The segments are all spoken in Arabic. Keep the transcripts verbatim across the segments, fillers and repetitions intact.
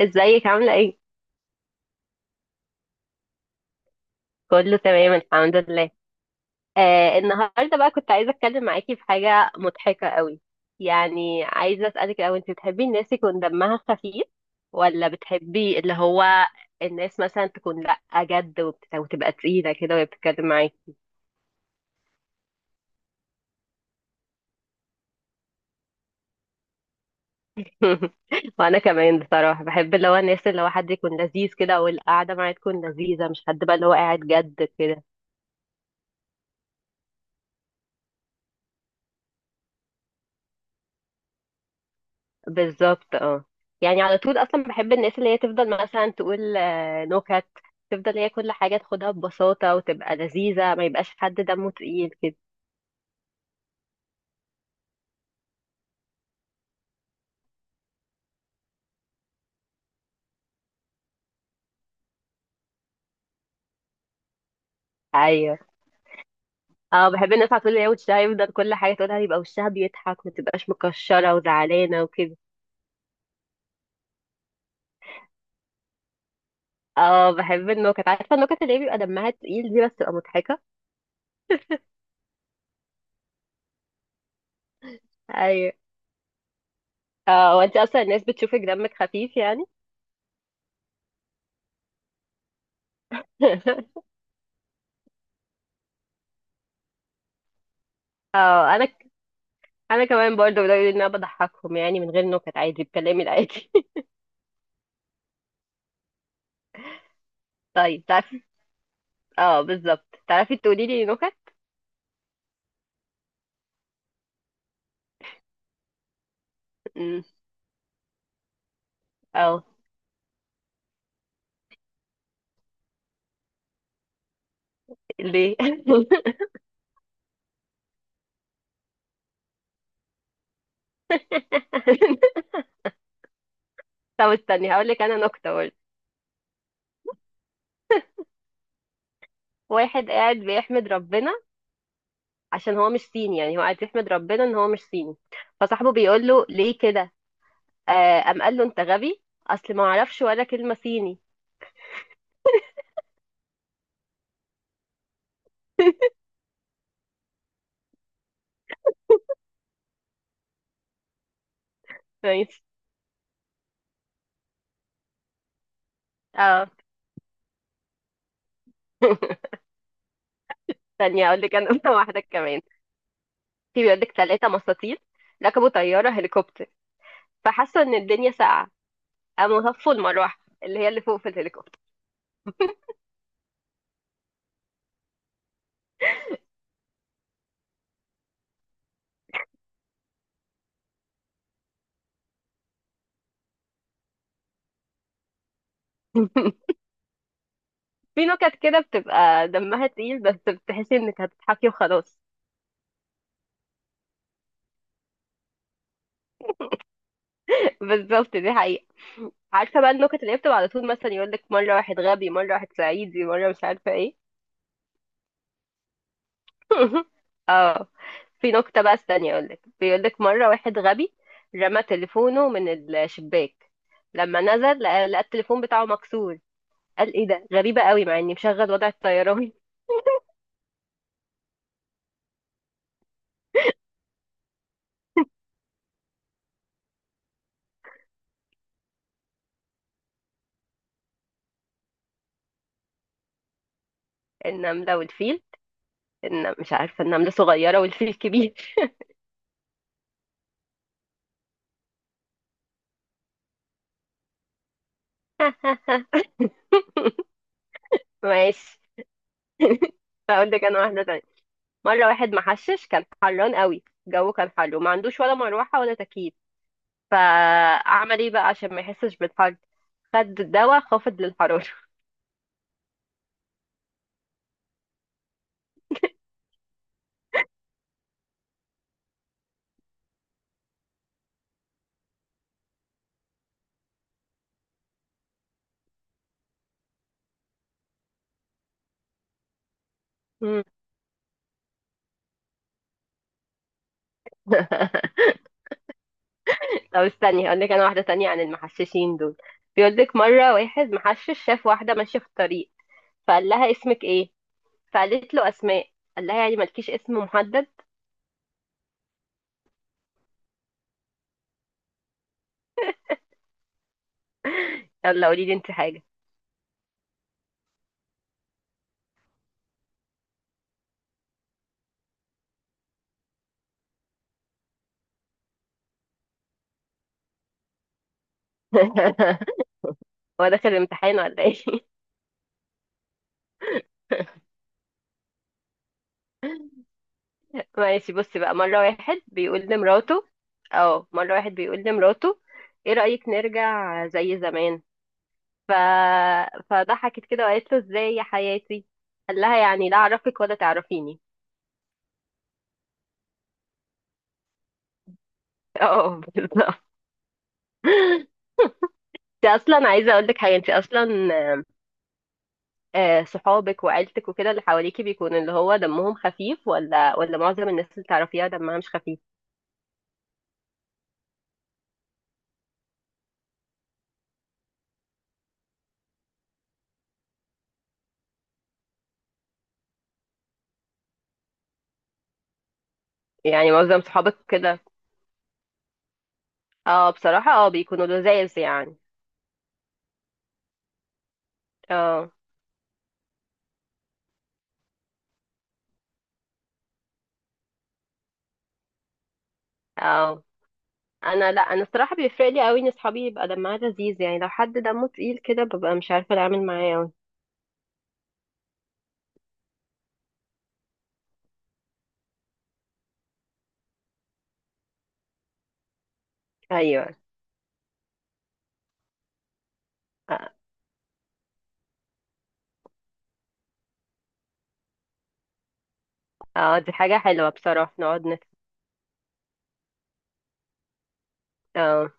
ازيك عاملة ايه؟ كله تمام الحمد لله. آه النهاردة بقى كنت عايزة اتكلم معاكي في حاجة مضحكة قوي. يعني عايزة اسألك الاول، انت بتحبي الناس يكون دمها خفيف ولا بتحبي اللي هو الناس مثلا تكون لأ جد وبت- وتبقى تقيلة كده وهي بتتكلم معاكي؟ وانا كمان بصراحة بحب اللي هو الناس اللي هو حد يكون لذيذ كده والقعدة معاه تكون لذيذة، مش حد بقى اللي هو قاعد جد كده. بالظبط، اه. يعني على طول اصلا بحب الناس اللي هي تفضل مثلا تقول آه، نكت، تفضل هي كل حاجه تاخدها ببساطه وتبقى لذيذه، ما يبقاش حد دمه تقيل كده. ايوه. اه، بحب الناس على طول اللي هي وشها يفضل كل حاجه تقولها يبقى وشها بيضحك، ما تبقاش مكشره وزعلانه وكده. اه، بحب النكت. عارفه النكت اللي هي بيبقى دمها تقيل دي، بس تبقى مضحكه. ايوه. اه، وانت اصلا الناس بتشوفك دمك خفيف يعني؟ اه، انا، انا كمان برضه بدأوا يقولوا ان انا بضحكهم يعني، من غير نكت، عادي بكلامي العادي. طيب تعرفي، اه بالظبط، تعرفي تقولي لي نكت. امم. اه. ليه؟ طب استني هقول لك انا نكته برضه. واحد قاعد بيحمد ربنا عشان هو مش صيني، يعني هو قاعد يحمد ربنا ان هو مش صيني. فصاحبه بيقول له ليه كده. آه قام قال له انت غبي، اصل ما اعرفش ولا كلمه صيني. كويس. اه. استني هقول لك انا نكتة واحده كمان. في بيقول لك ثلاثه مساطيل ركبوا طياره هليكوبتر، فحسوا ان الدنيا ساقعه، قاموا هفوا المروحه اللي هي اللي فوق في الهليكوبتر. في نكت كده بتبقى دمها تقيل بس بتحسي انك هتضحكي وخلاص. بالظبط، دي حقيقة. عارفة بقى النكت اللي هي بتبقى على طول مثلا يقولك مرة واحد غبي، مرة واحد صعيدي، مرة مش عارفة ايه. اه. في نكتة بقى استني اقولك، بيقولك مرة واحد غبي رمى تليفونه من الشباك. لما نزل لقى لقى التليفون بتاعه مكسور. قال ايه ده، غريبة قوي مع اني مشغل وضع الطيران. النملة والفيل. النم... مش عارفة، النملة صغيرة والفيل كبير. ماشي. هقول لك انا واحده تانية. مره واحد محشش كان حران قوي، الجو كان حر وما عندوش ولا مروحه ولا تكييف. فعمل ايه بقى عشان ما يحسش بالحر؟ خد دواء خافض للحراره. مم. طب استني هقول لك انا واحده تانية عن المحششين دول. بيقول لك مره واحد محشش شاف واحده ماشيه في الطريق، فقال لها اسمك ايه؟ فقالت له اسماء. قال لها يعني مالكيش اسم محدد؟ يلا قولي لي انت حاجه. هو داخل الامتحان ولا ايه؟ ماشي، بص بقى. مرة واحد بيقول لمراته اه مرة واحد بيقول لمراته ايه رأيك نرجع زي زمان؟ ف... فضحكت كده وقالت له ازاي يا حياتي؟ قال لها يعني لا اعرفك ولا تعرفيني. اه بالظبط. انت اصلا عايزة اقول لك حاجة، انت اصلا آه، صحابك وعيلتك وكده اللي حواليكي بيكون اللي هو دمهم خفيف، ولا ولا معظم الناس اللي تعرفيها دمها مش خفيف؟ يعني معظم صحابك كده؟ اه بصراحة، اه بيكونوا لذاذ يعني. اه. اه انا، لا انا الصراحه بيفرق لي قوي ان اصحابي يبقى دمها لذيذ يعني. لو حد دمه تقيل كده ببقى مش عارفه اتعامل معاه قوي. ايوه. اه. آه، دي حاجه حلوه بصراحه، نقعد نت... اه.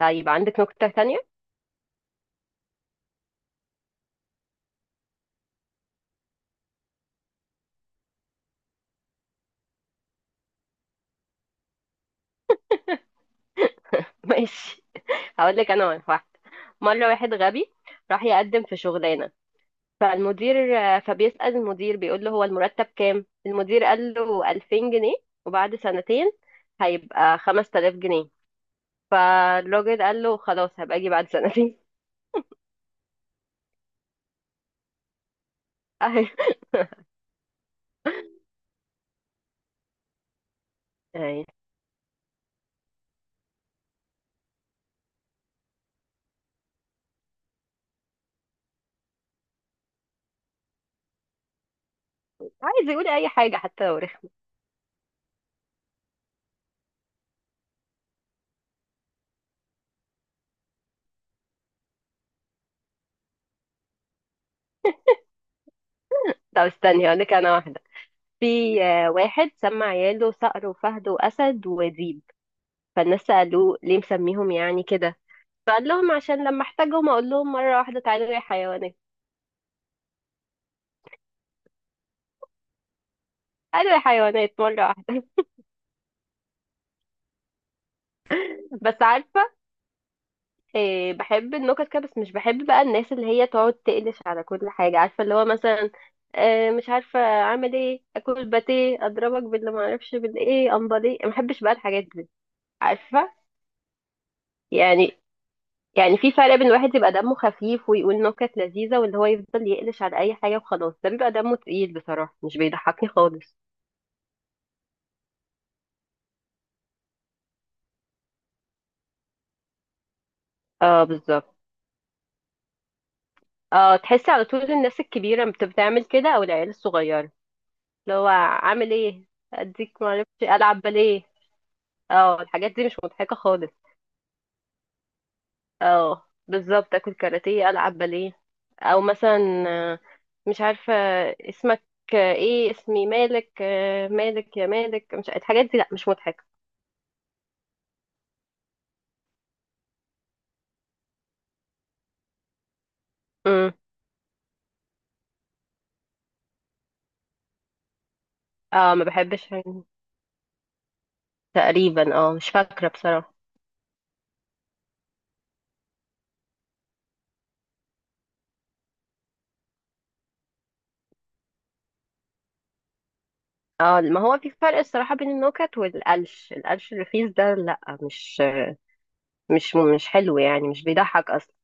طيب عندك نكته تانية؟ ماشي، هقول لك انا واحده. مره واحد غبي راح يقدم في شغلانه، فالمدير آه، فبيسأل المدير بيقول له هو المرتب كام. المدير قال له ألفين جنيه، وبعد سنتين هيبقى خمس تلاف جنيه. فالراجل قال له خلاص، هبقى اجي بعد سنتين. أهي. عايز يقول اي حاجه حتى لو رخم. طب استني هقول لك انا واحده. في آه، واحد سمى عياله صقر وفهد واسد وذيب. فالناس سالوه ليه مسميهم يعني كده؟ فقال لهم عشان لما احتاجهم اقول لهم مره واحده تعالوا يا حيوانات. قالوا يا حيوانات مره واحده. بس عارفه، آه، بحب النكت كده، بس مش بحب بقى الناس اللي هي تقعد تقلش على كل حاجه، عارفه اللي هو مثلا آه، مش عارفه اعمل ايه، اكل باتيه اضربك باللي ما اعرفش بالايه، امال ايه. ما بحبش بقى الحاجات دي. عارفه يعني، يعني في فرق بين واحد يبقى دمه خفيف ويقول نكت لذيذة، واللي هو يفضل يقلش على أي حاجة وخلاص، ده بيبقى دمه تقيل بصراحة، مش بيضحكني خالص. اه بالظبط. اه تحسي على طول الناس الكبيرة بت- بتعمل كده، أو العيال الصغيرة اللي هو عامل ايه، أديك معرفش ألعب باليه. اه الحاجات دي مش مضحكة خالص. اه بالظبط، أكل كاراتيه، ألعب باليه، أو مثلا آه، مش عارفة اسمك، آه، ايه اسمي مالك، آه، مالك يا مالك، مش الحاجات دي، لأ مش مضحكة. اه ما بحبش. تقريبا اه مش فاكرة بصراحة. اه، ما هو في فرق الصراحة بين النكت والقلش، القلش الرخيص ده لا، مش مش مش حلو يعني، مش بيضحك اصلا.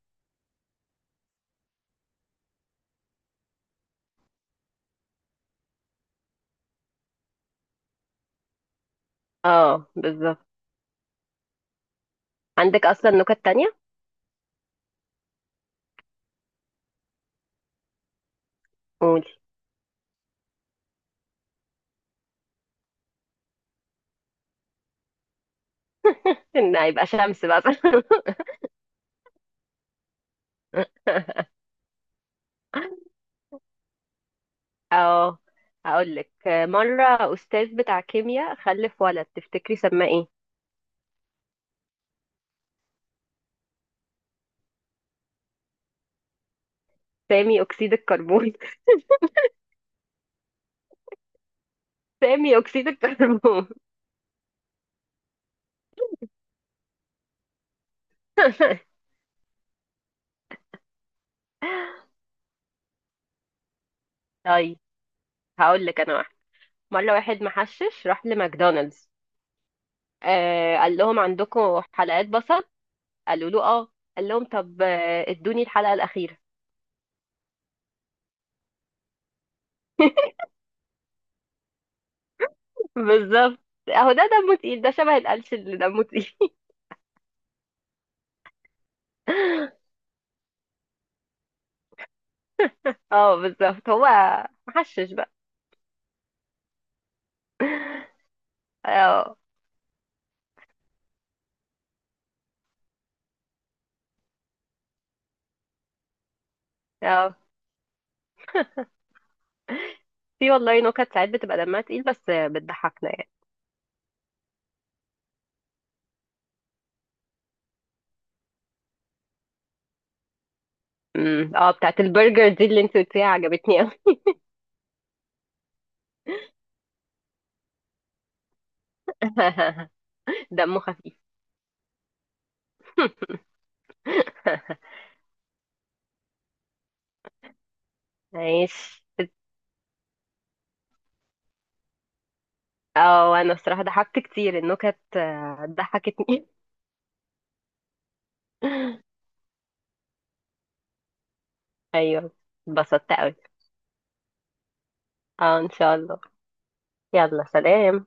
اه بالظبط. عندك اصلا نكت تانية؟ قولي. ان هيبقى شمس بقى. اه، هقول لك مرة استاذ بتاع كيمياء خلف ولد، تفتكري سماه ايه؟ سامي اكسيد الكربون. سامي اكسيد الكربون. طيب هقول لك انا، مرة واحد محشش راح لماكدونالدز. آه قال لهم عندكم حلقات بصل؟ قالوا له اه. قال لهم طب آه، ادوني الحلقة الأخيرة. بالظبط، اهو ده دمه تقيل، ده شبه القلش اللي دمه تقيل. اه بالظبط، هو محشش بقى. اه. اه، في والله نكت ساعات بتبقى دمها تقيل بس بتضحكنا يعني. أمم، اه بتاعت البرجر دي اللي انت قلتيها عجبتني قوي. دمه خفيف. ماشي. اه انا الصراحه ضحكت كتير، النكت آه، ضحكتني. ايوه. اتبسطت قوي. اه ان شاء الله. يلا سلام.